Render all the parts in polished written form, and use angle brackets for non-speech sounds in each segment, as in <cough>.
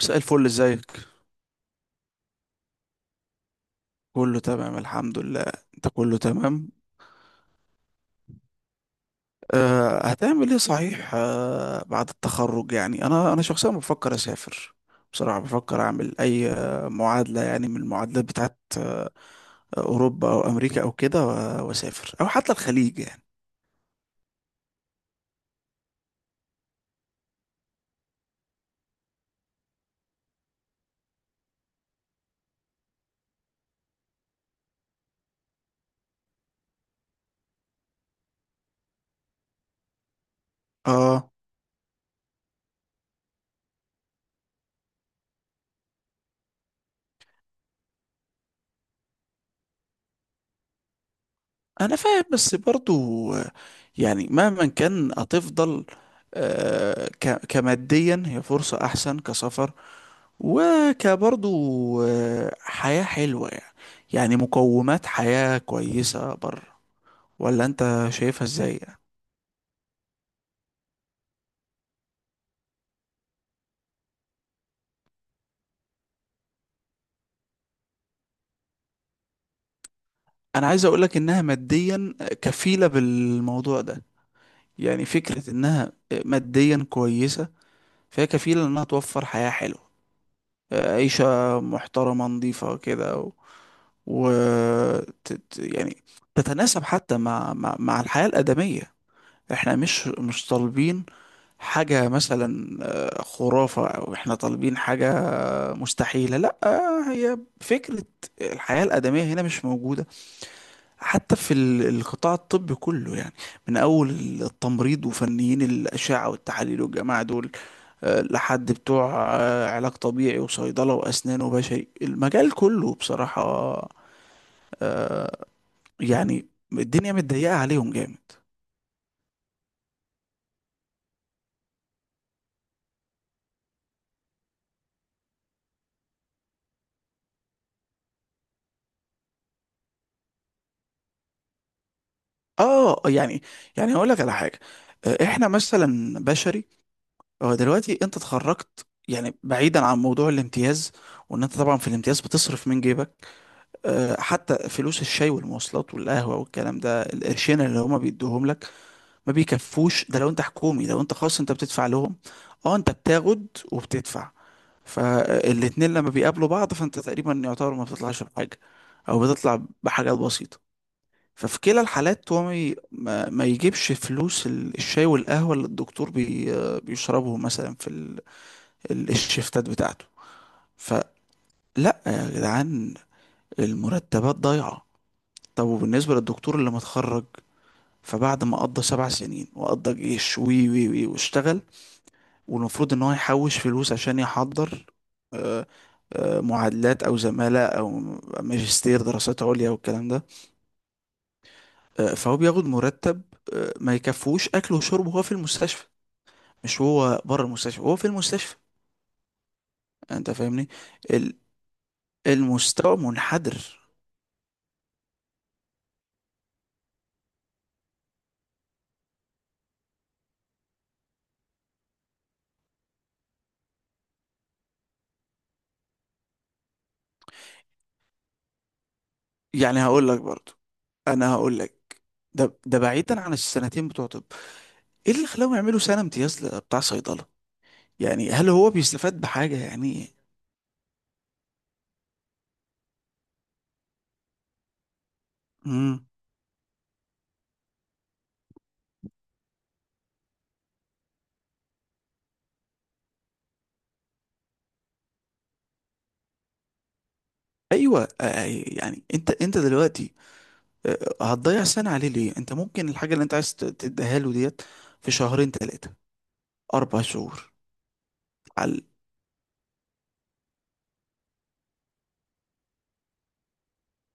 مساء الفل، ازيك؟ كله تمام الحمد لله. انت كله تمام؟ أه، هتعمل ايه صحيح أه، بعد التخرج؟ يعني انا شخصيا بفكر اسافر. بصراحة بفكر اعمل اي معادلة، يعني من المعادلات بتاعت اوروبا او امريكا او كده، واسافر او حتى الخليج يعني. اه انا فاهم، بس برضو يعني مهما كان هتفضل كماديا هي فرصة احسن كسفر، وكبرضو حياة حلوة يعني. يعني مقومات حياة كويسة بره، ولا انت شايفها ازاي يعني؟ انا عايز اقولك انها ماديا كفيلة بالموضوع ده. يعني فكرة انها ماديا كويسة، فهي كفيلة انها توفر حياة حلوة، عيشة محترمة نظيفة كده، و... يعني تتناسب حتى مع الحياة الآدمية. احنا مش طالبين حاجة مثلا خرافة، أو إحنا طالبين حاجة مستحيلة، لأ. هي فكرة الحياة الآدمية هنا مش موجودة، حتى في القطاع الطبي كله يعني، من أول التمريض وفنيين الأشعة والتحاليل والجماعة دول لحد بتوع علاج طبيعي وصيدلة وأسنان وبشري، المجال كله بصراحة يعني الدنيا متضيقة عليهم جامد. اه يعني، يعني هقول لك على حاجة. احنا مثلا بشري، هو دلوقتي انت اتخرجت، يعني بعيدا عن موضوع الامتياز، وان انت طبعا في الامتياز بتصرف من جيبك. اه، حتى فلوس الشاي والمواصلات والقهوة والكلام ده، القرشين اللي هما بيدوهم لك ما بيكفوش. ده لو انت حكومي. لو انت خاص انت بتدفع لهم، اه انت بتاخد وبتدفع. فالاتنين لما بيقابلوا بعض فانت تقريبا يعتبر ما بتطلعش بحاجة، او بتطلع بحاجات بسيطة. ففي كلا الحالات هو ما ي- ما ما يجيبش فلوس الشاي والقهوة اللي الدكتور بيشربهم مثلا في الشيفتات بتاعته. فلا يا جدعان، المرتبات ضايعة. طب وبالنسبة للدكتور اللي متخرج، فبعد ما قضى سبع سنين وقضى جيش وي وي وي واشتغل، والمفروض ان هو يحوش فلوس عشان يحضر معادلات او زمالة او ماجستير دراسات عليا والكلام ده، فهو بياخد مرتب ما يكفوش اكله وشربه وهو في المستشفى، مش هو بره المستشفى، هو في المستشفى. انت فاهمني؟ ال- المستوى منحدر. يعني هقول لك برضو، انا هقول لك، ده بعيدا عن السنتين بتوع طب، ايه اللي خلاهم يعملوا سنة امتياز بتاع صيدلة؟ يعني هل هو بيستفاد بحاجة يعني؟ امم، ايوه يعني انت دلوقتي هتضيع سنة عليه ليه؟ انت ممكن الحاجة اللي انت عايز تديها له ديت في شهرين ثلاثة اربع شهور. على،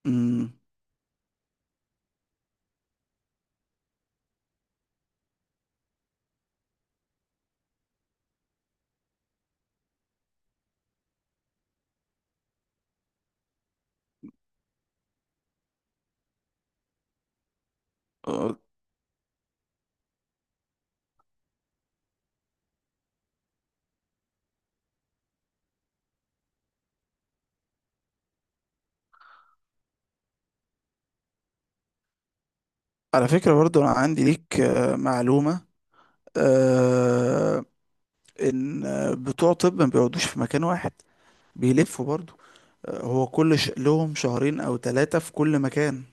امم، آه، على فكرة برضو انا عندي ليك معلومة، آه، ان بتوع طب ما بيقعدوش في مكان واحد، بيلفوا برضو. هو لهم شهرين او ثلاثة في كل مكان.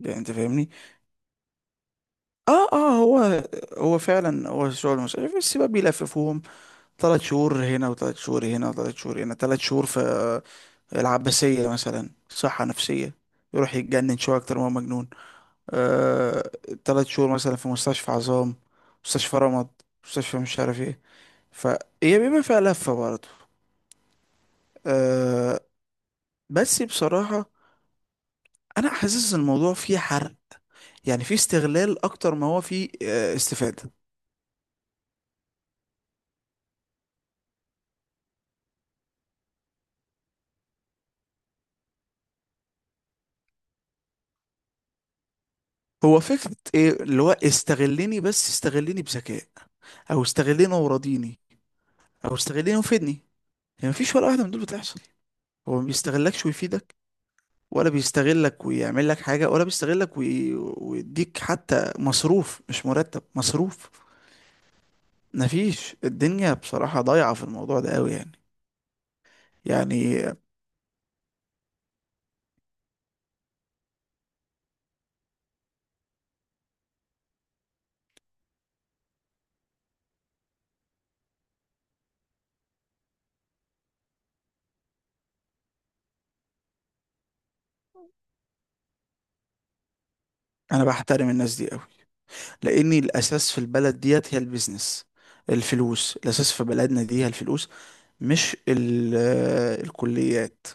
يعني انت فاهمني؟ اه اه، هو فعلا هو شغل مش عارف، بس بقى بيلففوهم ثلاث شهور هنا وثلاث شهور هنا وثلاث شهور هنا، ثلاث شهور في العباسية مثلا صحة نفسية، يروح يتجنن شوية أكتر ما هو مجنون، آه، تلات شهور مثلا في مستشفى عظام، مستشفى رمد، مستشفى مش عارف ايه. فهي بيبقى فيها لفة برضه. آه، بس بصراحة أنا حاسس إن الموضوع فيه حرق، يعني في استغلال اكتر ما هو في استفادة. هو فكرة ايه؟ اللي هو استغلني بس استغلني بذكاء، او استغلني وراضيني، او استغلني وفدني. يعني مفيش ولا واحدة من دول بتحصل. هو ما بيستغلكش ويفيدك، ولا بيستغلك ويعمل لك حاجة، ولا بيستغلك ويديك حتى مصروف، مش مرتب، مصروف. مفيش. الدنيا بصراحة ضايعة في الموضوع ده قوي يعني. يعني انا بحترم الناس دي قوي، لان الاساس في البلد ديت هي البيزنس، الفلوس. الاساس في بلدنا دي هي الفلوس، مش الكليات.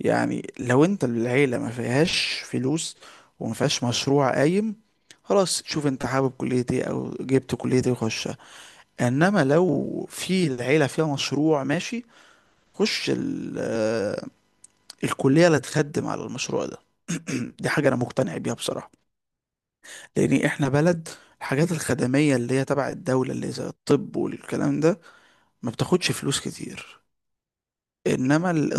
يعني لو انت العيلة ما فيهاش فلوس وما فيهاش مشروع قايم، خلاص شوف انت حابب كلية ايه او جبت كلية ايه وخشها. انما لو في العيلة فيها مشروع ماشي، خش الكلية اللي تخدم على المشروع ده. <clears throat> دي حاجة انا مقتنع بيها بصراحة، لان احنا بلد الحاجات الخدميه اللي هي تبع الدوله اللي زي الطب والكلام ده ما بتاخدش فلوس كتير، انما ال...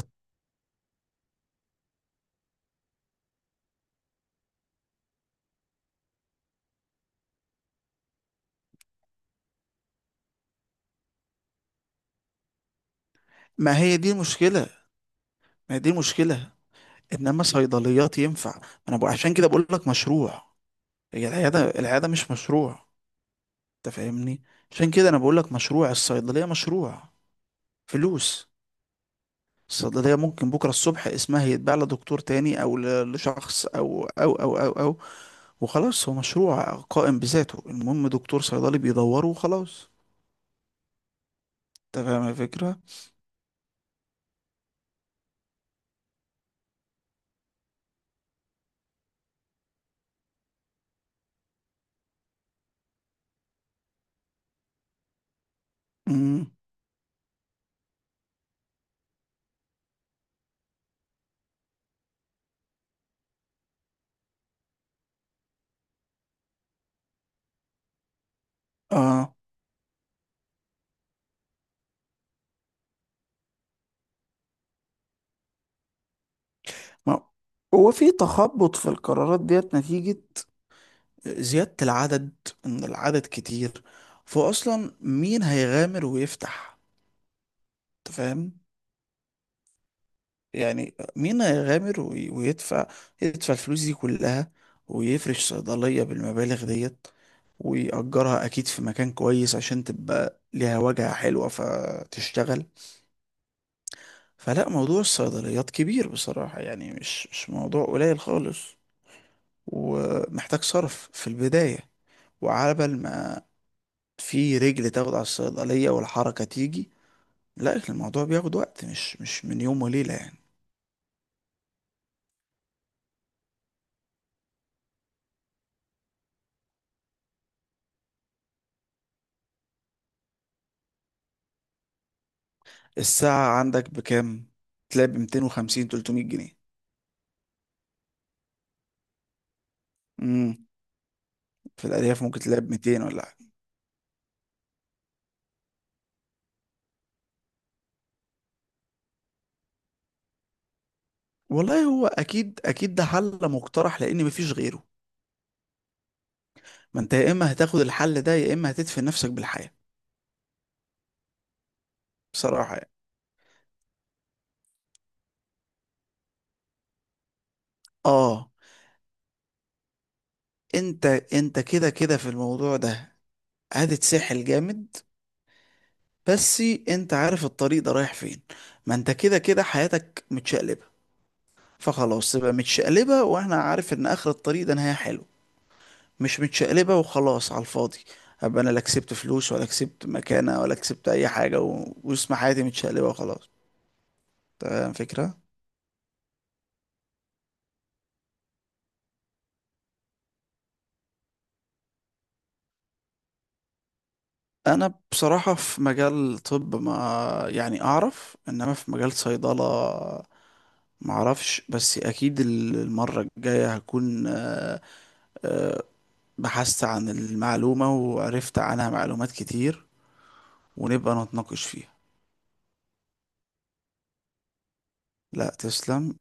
ما هي دي المشكله، ما هي دي المشكله. انما صيدليات ينفع. انا بقول، عشان كده بقول لك مشروع، هي العياده، العياده مش مشروع، انت فاهمني؟ عشان كده انا بقول لك مشروع الصيدليه، مشروع فلوس. الصيدلية ممكن بكرة الصبح اسمها يتباع لدكتور تاني، أو لشخص، أو وخلاص. هو مشروع قائم بذاته، المهم دكتور صيدلي بيدوره وخلاص. انت فاهم الفكرة؟ امم، اه. ما هو في تخبط في القرارات ديت نتيجة زيادة العدد، ان العدد كتير، فاصلا مين هيغامر ويفتح؟ انت فاهم؟ يعني مين هيغامر ويدفع، يدفع الفلوس دي كلها، ويفرش صيدلية بالمبالغ ديت، ويأجرها أكيد في مكان كويس عشان تبقى ليها واجهة حلوة فتشتغل؟ فلا، موضوع الصيدليات كبير بصراحة يعني، مش موضوع قليل خالص، ومحتاج صرف في البداية، وعبل ما في رجل تاخد على الصيدلية والحركة تيجي، لا، الموضوع بياخد وقت، مش من يوم وليلة يعني. الساعة عندك بكام؟ تلاقي ب 250 300 جنيه. امم، في الأرياف ممكن تلاقي ب 200 ولا حاجة. والله هو أكيد أكيد ده حل مقترح لأن مفيش غيره. ما أنت يا إما هتاخد الحل ده، يا إما هتدفن نفسك بالحياة. بصراحة يعني. اه انت كده كده في الموضوع ده هتتسحل جامد، بس انت عارف الطريق ده رايح فين. ما انت كده كده حياتك متشقلبة، فخلاص تبقى متشقلبة واحنا عارف ان اخر الطريق ده نهاية حلو، مش متشقلبة وخلاص على الفاضي، ابقى انا لا كسبت فلوس ولا كسبت مكانة ولا كسبت اي حاجة واسم حياتي متشقلبة وخلاص. تمام فكرة. انا بصراحة في مجال طب ما، يعني اعرف، انما في مجال صيدلة معرفش، بس اكيد المرة الجاية هكون بحثت عن المعلومة وعرفت عنها معلومات كتير، ونبقى نتناقش فيها. لا تسلم.